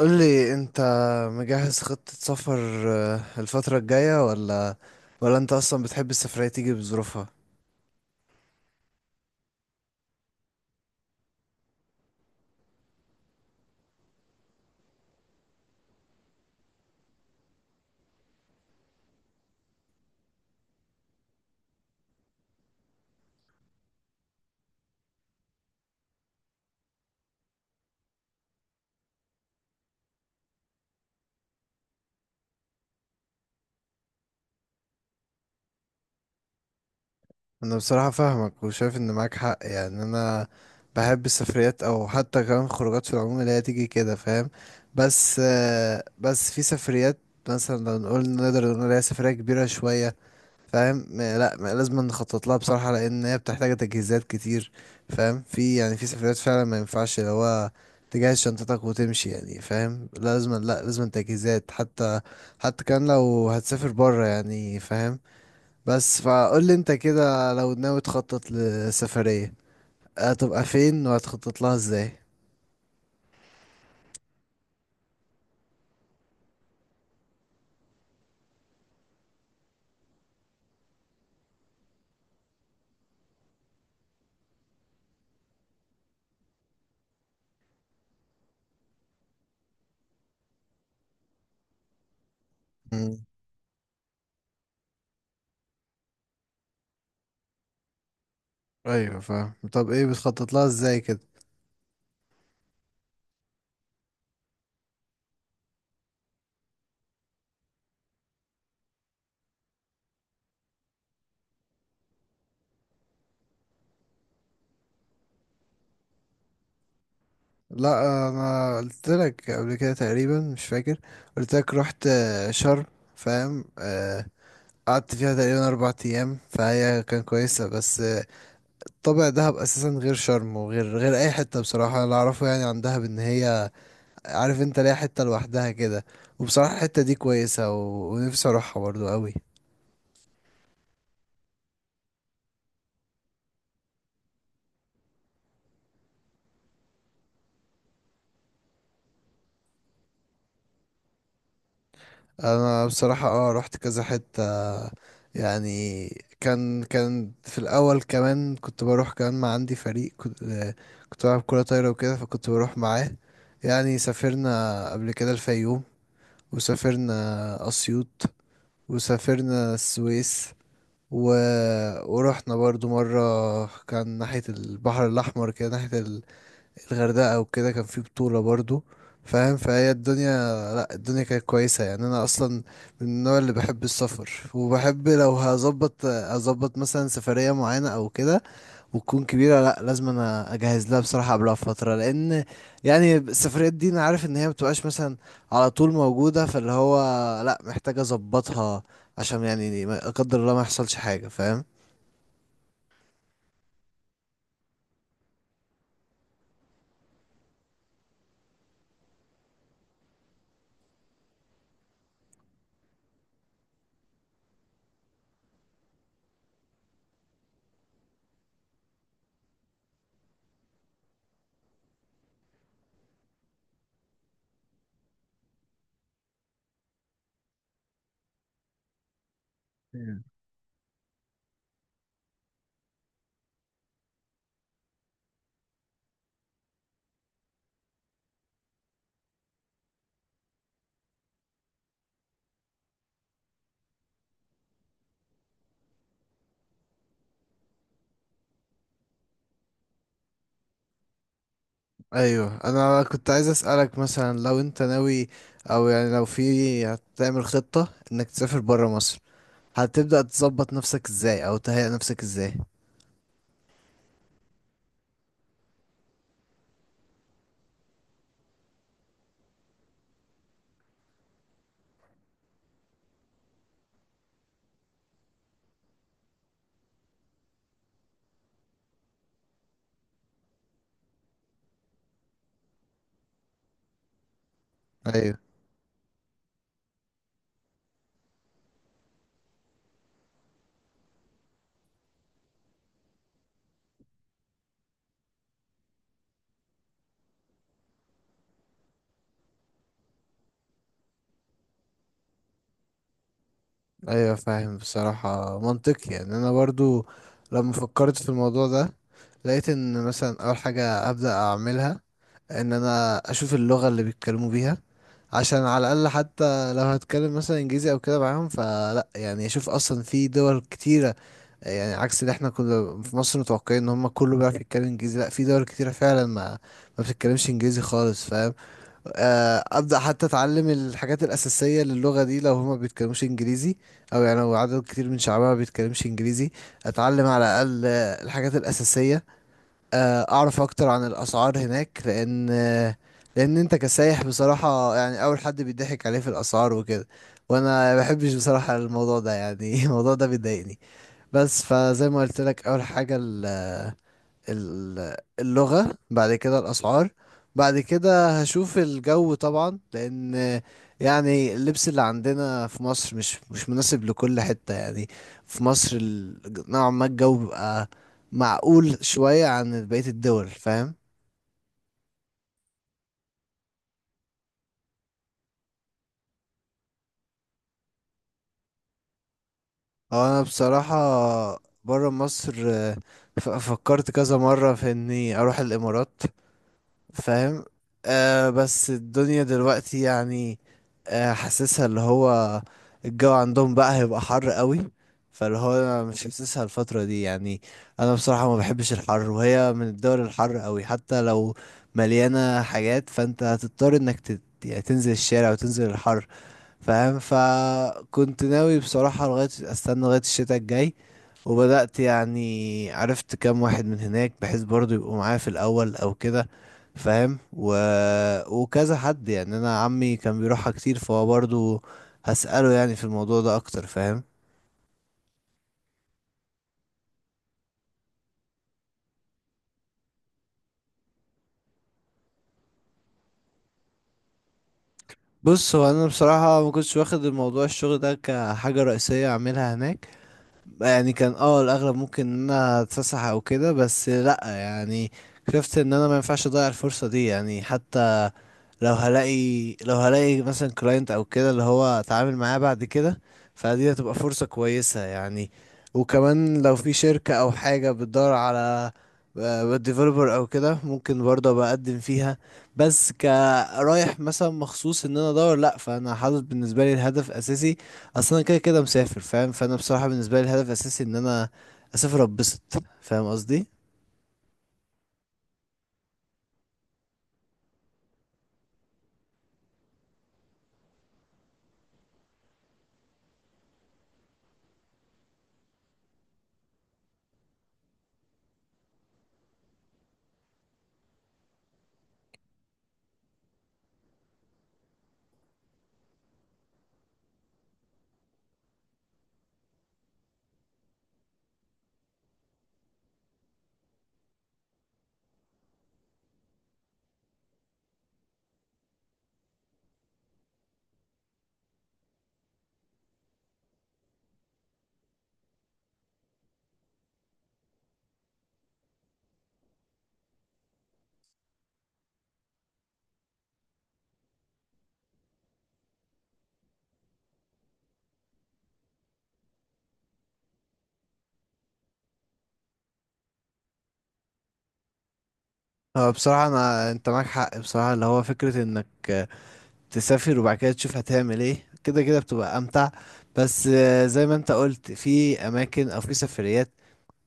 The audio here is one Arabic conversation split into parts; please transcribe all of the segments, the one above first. قول لي انت مجهز خطة سفر الفترة الجاية ولا ولا انت اصلا بتحب السفرية تيجي بظروفها؟ انا بصراحة فاهمك وشايف ان معاك حق، يعني انا بحب السفريات او حتى كمان خروجات في العموم اللي هي تيجي كده، فاهم؟ بس بس في سفريات مثلا لو نقول نقدر نقول عليها سفرية كبيرة شوية، فاهم؟ م- لا م- لازم نخطط لها بصراحة، لأن هي بتحتاج تجهيزات كتير. فاهم؟ في، يعني في سفريات فعلا ما ينفعش لو هو تجهز شنطتك وتمشي، يعني فاهم؟ لازم، لا لازم تجهيزات، حتى حتى كان لو هتسافر بره، يعني فاهم؟ بس فقول لي انت كده، لو ناوي تخطط لسفرية، هتبقى فين وهتخطط لها ازاي؟ مم. ايوه فاهم. طب ايه بتخطط لها ازاي كده؟ لا انا قلت لك قبل كده تقريبا، مش فاكر، قلت لك رحت شرم، فاهم، قعدت فيها تقريبا اربع ايام، فهي كان كويسه، بس طابع دهب اساسا غير شرم، وغير غير اي حته. بصراحه اللي اعرفه يعني عن دهب ان هي، عارف انت ليها حته لوحدها كده، وبصراحه الحته دي كويسه ونفسي اروحها برضو قوي. انا بصراحه اه رحت كذا حته يعني. كان في الأول كمان كنت بروح كمان مع عندي فريق، كنت كنت بلعب كرة طايرة وكده، فكنت بروح معاه. يعني سافرنا قبل كده الفيوم، وسافرنا أسيوط، وسافرنا السويس، و... ورحنا برضو مرة كان ناحية البحر الأحمر كده، ناحية الغردقة وكده، كان في بطولة برضو، فاهم؟ فهي الدنيا كانت كويسة. يعني أنا أصلا من النوع اللي بحب السفر، وبحب لو هظبط أظبط مثلا سفرية معينة أو كده وتكون كبيرة، لأ لازم أنا أجهز لها بصراحة قبلها بفترة، لأن يعني السفريات دي أنا عارف إن هي مبتبقاش مثلا على طول موجودة، فاللي هو لأ محتاج أظبطها عشان يعني ما- لا قدر الله ما يحصلش حاجة، فاهم؟ مم. ايوه انا كنت عايز اسالك، مثلا لو انت ناوي، او يعني لو في هتعمل خطه انك تسافر برا مصر، هتبدأ تظبط نفسك ازاي او تهيئ نفسك ازاي؟ ايوه. ايوه فاهم، بصراحة منطقي. يعني انا برضو لما فكرت في الموضوع ده، لقيت ان مثلا اول حاجة ابدأ اعملها ان انا اشوف اللغة اللي بيتكلموا بيها، عشان على الاقل حتى لو هتكلم مثلا انجليزي او كده معاهم، فلا يعني اشوف اصلا في دول كتيرة، يعني عكس اللي احنا كنا في مصر متوقعين ان هم كله بيعرف يتكلم انجليزي، لا في دول كتيرة فعلا ما ما بتتكلمش انجليزي خالص، فاهم؟ ابدا حتى اتعلم الحاجات الاساسيه للغه دي لو هما بيتكلموش انجليزي، او يعني لو عدد كتير من شعبها ما بيتكلمش انجليزي، اتعلم على الاقل الحاجات الاساسيه. اعرف اكتر عن الاسعار هناك، لان لان انت كسايح بصراحه، يعني اول حد بيضحك عليه في الاسعار وكده، وانا ما بحبش بصراحه الموضوع ده يعني. الموضوع ده بيضايقني. بس فزي ما قلت لك، اول حاجه اللغة، بعد كده الأسعار، بعد كده هشوف الجو طبعا، لأن يعني اللبس اللي عندنا في مصر مش مناسب لكل حتة. يعني في مصر نوعا ما الجو بيبقى معقول شوية عن بقية الدول، فاهم؟ هو أنا بصراحة برا مصر فكرت كذا مرة في إني أروح الإمارات، فاهم؟ آه بس الدنيا دلوقتي يعني، آه حاسسها اللي هو الجو عندهم بقى هيبقى حر قوي، فاللي هو أنا مش حاسسها الفترة دي يعني. انا بصراحة ما بحبش الحر، وهي من الدول الحر قوي، حتى لو مليانة حاجات فانت هتضطر انك يعني تنزل الشارع وتنزل الحر، فاهم؟ فكنت ناوي بصراحة لغاية، استنى لغاية الشتاء الجاي، وبدأت يعني عرفت كام واحد من هناك بحيث برضو يبقوا معايا في الأول أو كده، فاهم؟ وكذا حد، يعني أنا عمي كان بيروحها كتير فهو برضو هسأله يعني في الموضوع ده أكتر، فاهم؟ بص، هو أنا بصراحة ما كنتش واخد الموضوع الشغل ده كحاجة رئيسية أعملها هناك، يعني كان اه الاغلب ممكن ان انا اتفسح او كده، بس لا يعني شفت ان انا ما ينفعش اضيع الفرصه دي، يعني حتى لو هلاقي، لو هلاقي مثلا كلاينت او كده اللي هو اتعامل معاه بعد كده، فدي هتبقى فرصة كويسة يعني. وكمان لو في شركة او حاجة بتدور على ديفلوبر او كده، ممكن برضه بقدم فيها. بس كرايح مثلا مخصوص ان انا ادور، لا، فانا حاطط بالنسبه لي الهدف اساسي اصلا كده كده مسافر، فاهم؟ فانا بصراحه بالنسبه لي الهدف اساسي ان انا اسافر اتبسط، فاهم قصدي؟ هو بصراحه انا، انت معاك حق بصراحه اللي هو فكره انك تسافر وبعد كده تشوف هتعمل ايه، كده كده بتبقى امتع. بس زي ما انت قلت، في اماكن او في سفريات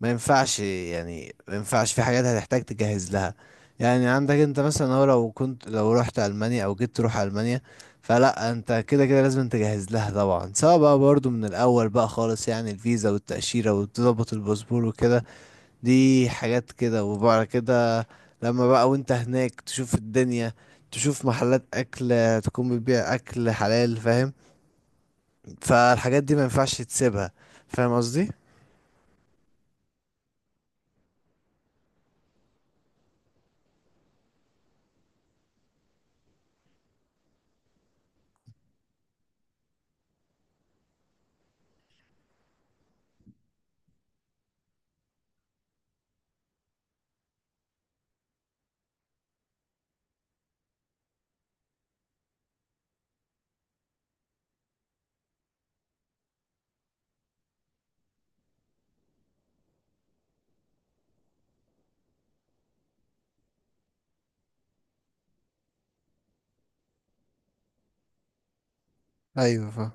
ما ينفعش، يعني ما ينفعش، في حاجات هتحتاج تجهز لها. يعني عندك انت مثلا، هو لو كنت لو رحت المانيا او جيت تروح المانيا، فلا انت كده كده لازم تجهز لها طبعا، سواء بقى برضو من الاول بقى خالص يعني الفيزا والتأشيرة وتظبط الباسبور وكده، دي حاجات كده. وبعد كده لما بقى وانت هناك تشوف الدنيا، تشوف محلات اكل تكون بتبيع اكل حلال، فاهم؟ فالحاجات دي ما ينفعش تسيبها، فاهم قصدي؟ ايوه فاهم.